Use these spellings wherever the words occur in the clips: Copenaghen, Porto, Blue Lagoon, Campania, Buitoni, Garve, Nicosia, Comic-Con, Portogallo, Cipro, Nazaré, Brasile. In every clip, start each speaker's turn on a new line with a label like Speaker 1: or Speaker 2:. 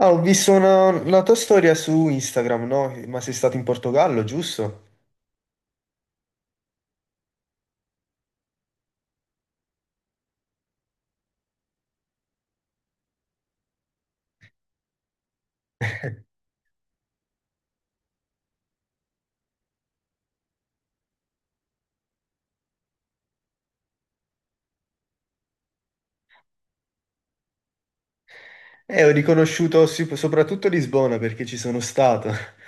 Speaker 1: Ah, ho visto una tua storia su Instagram, no? Ma sei stato in Portogallo, giusto? Ho riconosciuto soprattutto Lisbona perché ci sono stato.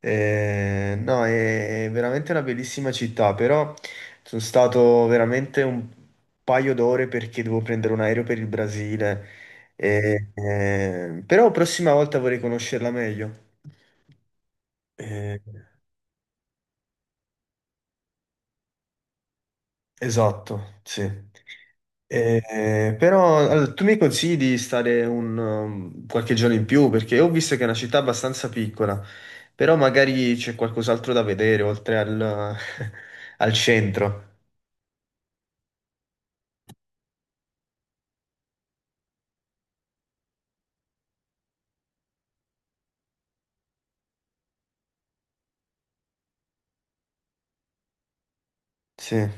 Speaker 1: No, è veramente una bellissima città, però sono stato veramente un paio d'ore perché devo prendere un aereo per il Brasile. Però prossima volta vorrei conoscerla meglio. Eh, Esatto, sì. Mm. Però allora, tu mi consigli di stare qualche giorno in più perché ho visto che è una città abbastanza piccola, però magari c'è qualcos'altro da vedere oltre al centro. Sì.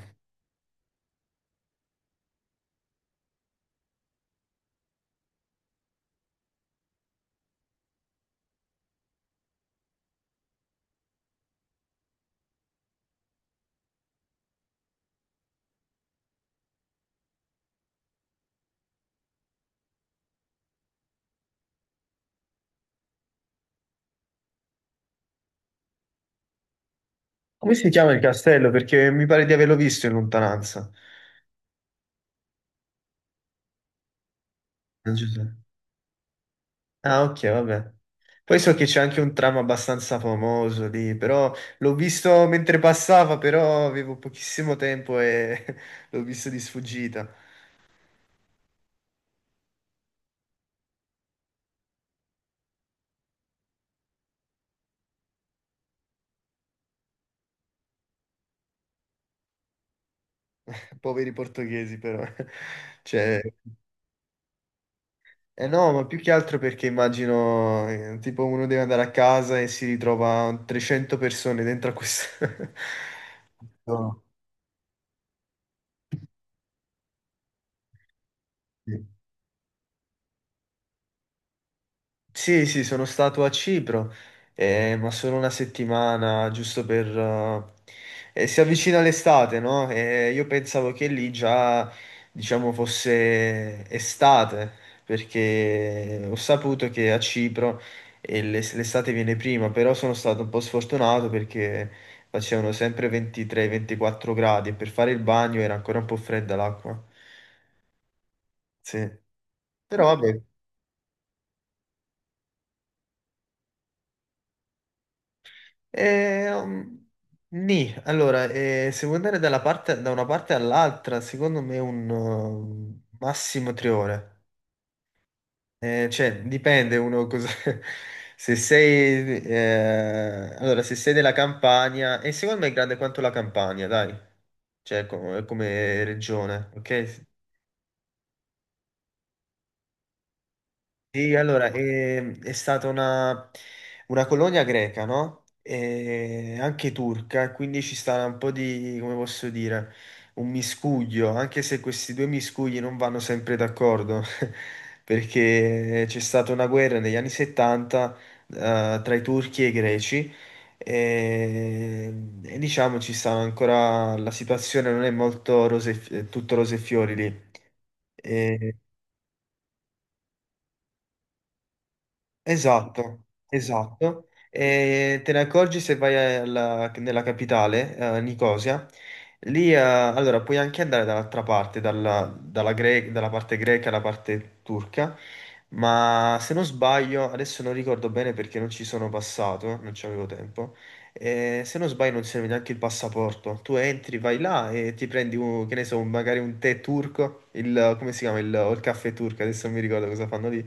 Speaker 1: Come si chiama il castello? Perché mi pare di averlo visto in lontananza. San Giuseppe. Ah, ok, vabbè. Poi so che c'è anche un tram abbastanza famoso lì, però l'ho visto mentre passava, però avevo pochissimo tempo e l'ho visto di sfuggita. Poveri portoghesi, però. Cioè, eh no, ma più che altro perché immagino, tipo, uno deve andare a casa e si ritrova 300 persone dentro a questo... No. Sì, sì, sono stato a Cipro, ma solo una settimana, giusto per... si avvicina l'estate, no? E io pensavo che lì già, diciamo, fosse estate, perché ho saputo che a Cipro l'estate viene prima, però sono stato un po' sfortunato perché facevano sempre 23-24 gradi e per fare il bagno era ancora un po' fredda l'acqua. Sì. Però vabbè. Eh, um, Nì. Allora, se vuoi andare da una parte all'altra, secondo me massimo 3 ore. Cioè, dipende uno cosa... Se sei... allora, se sei della Campania... E secondo me è grande quanto la Campania, dai. Cioè, come regione, ok? Sì, allora, è stata una colonia greca, no? E anche turca, e quindi ci sta un po' di, come posso dire, un miscuglio, anche se questi due miscugli non vanno sempre d'accordo, perché c'è stata una guerra negli anni 70, tra i turchi e i greci, e, e diciamo ci stanno ancora, la situazione non è molto rose, tutto rose e fiori lì. E- Esatto, esatto. E te ne accorgi se vai nella capitale, Nicosia. Lì, allora, puoi anche andare dall'altra parte, dalla parte greca alla parte turca, ma se non sbaglio, adesso non ricordo bene perché non ci sono passato, non ci avevo tempo, se non sbaglio non serve neanche il passaporto. Tu entri, vai là e ti prendi, un, che ne so, magari un tè turco, il, come si chiama, o il caffè turco, adesso non mi ricordo cosa fanno lì.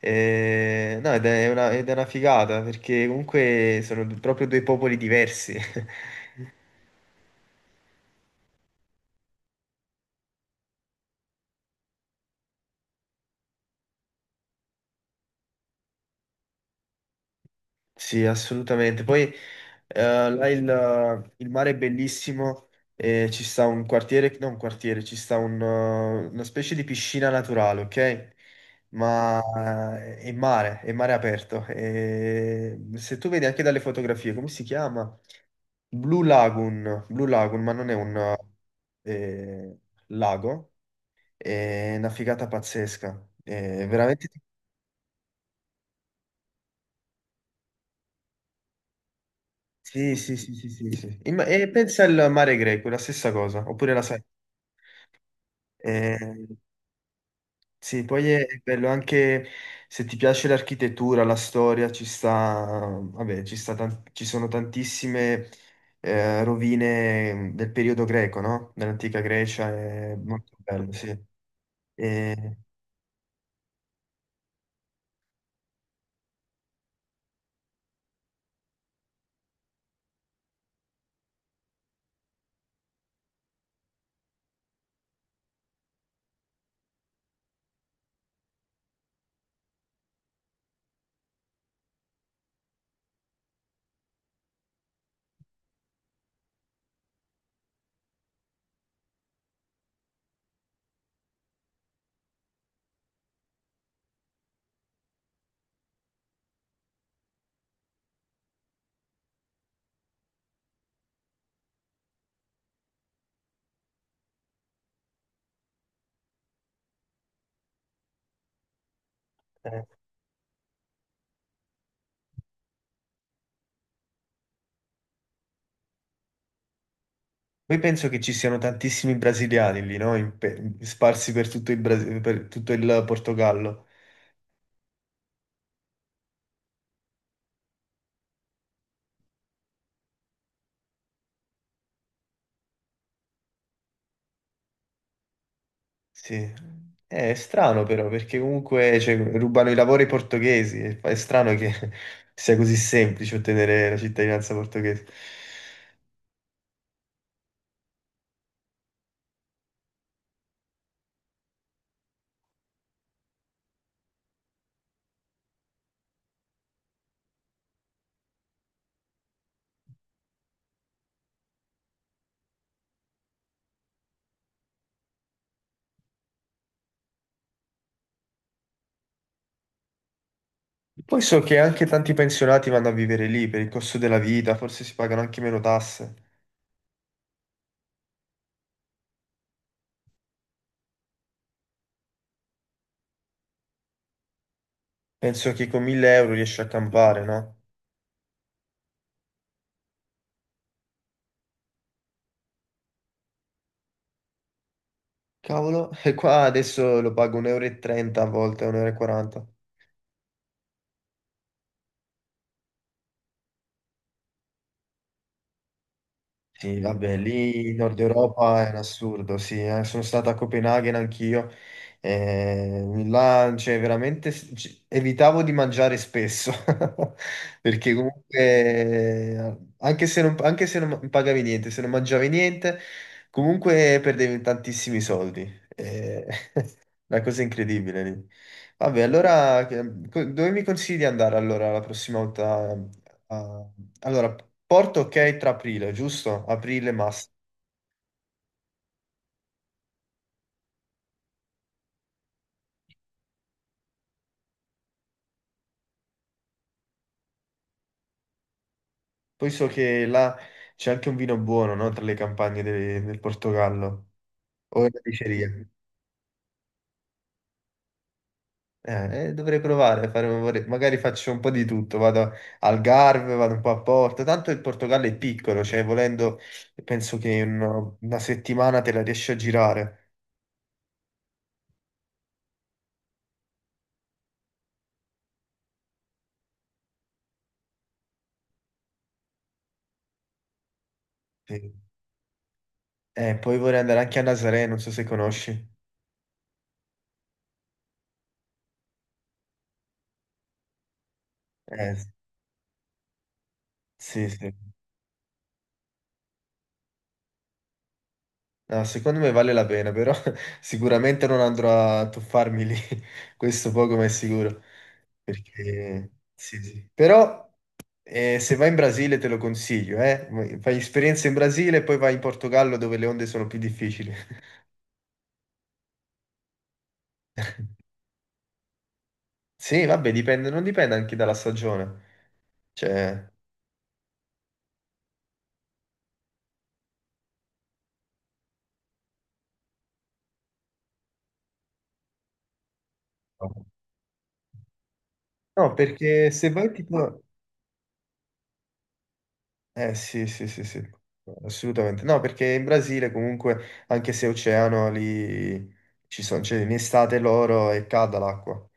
Speaker 1: No, ed è una figata perché comunque sono proprio due popoli diversi. Sì, assolutamente. Poi là il mare è bellissimo e ci sta un quartiere, non un quartiere, ci sta una specie di piscina naturale, ok? Ma è mare aperto. E se tu vedi anche dalle fotografie, come si chiama? Blue Lagoon, Blue Lagoon, ma non è un eh, lago, è una figata pazzesca. È veramente. Sì, sì, sì, sì, sì, sì. E pensa al mare greco, è la stessa cosa, oppure la sai. Eh, sì, poi è bello anche se ti piace l'architettura, la storia, ci sta, vabbè, ci sono tantissime rovine del periodo greco, no? Dell'antica Grecia, è molto bello, sì. E, eh, poi penso che ci siano tantissimi brasiliani lì, no? Sparsi per tutto il Portogallo. Sì, è strano però perché comunque cioè, rubano i lavori ai portoghesi, è strano che sia così semplice ottenere la cittadinanza portoghese. Poi so che anche tanti pensionati vanno a vivere lì per il costo della vita, forse si pagano anche meno tasse. Penso che con 1000 euro riesci a campare, no? Cavolo, e qua adesso lo pago 1,30 euro e 30 a volte, 1,40 euro e quaranta. Sì, vabbè, lì in Nord Europa è un assurdo, sì, eh. Sono stato a Copenaghen anch'io, là, cioè, veramente evitavo di mangiare spesso, perché comunque, anche se non ma- pagavi niente, se non mangiavi niente, comunque perdevi tantissimi soldi. eh. Una cosa incredibile lì. Vabbè, allora, dove mi consigli di andare allora la prossima volta? Ah, allora, Porto ok tra aprile, giusto? Aprile massimo. Poi so che là c'è anche un vino buono, no? Tra le campagne del Portogallo. O una diceria. Dovrei provare, magari faccio un po' di tutto, vado al Garve, vado un po' a Porto, tanto il Portogallo è piccolo, cioè volendo penso che in una settimana te la riesci a girare. Sì. Poi vorrei andare anche a Nazaré, non so se conosci. Eh, sì, sì. No, secondo me vale la pena, però sicuramente non andrò a tuffarmi lì, questo poco ma è sicuro. Perché... Sì, sì. Però se vai in Brasile te lo consiglio, eh. Fai esperienza in Brasile e poi vai in Portogallo dove le onde sono più difficili. Sì, vabbè, dipende, non dipende anche dalla stagione. Cioè... No, perché se vai tipo... Eh sì, sì, sì, sì, assolutamente. No, perché in Brasile comunque, anche se è oceano, lì ci sono, cioè in estate loro e calda l'acqua.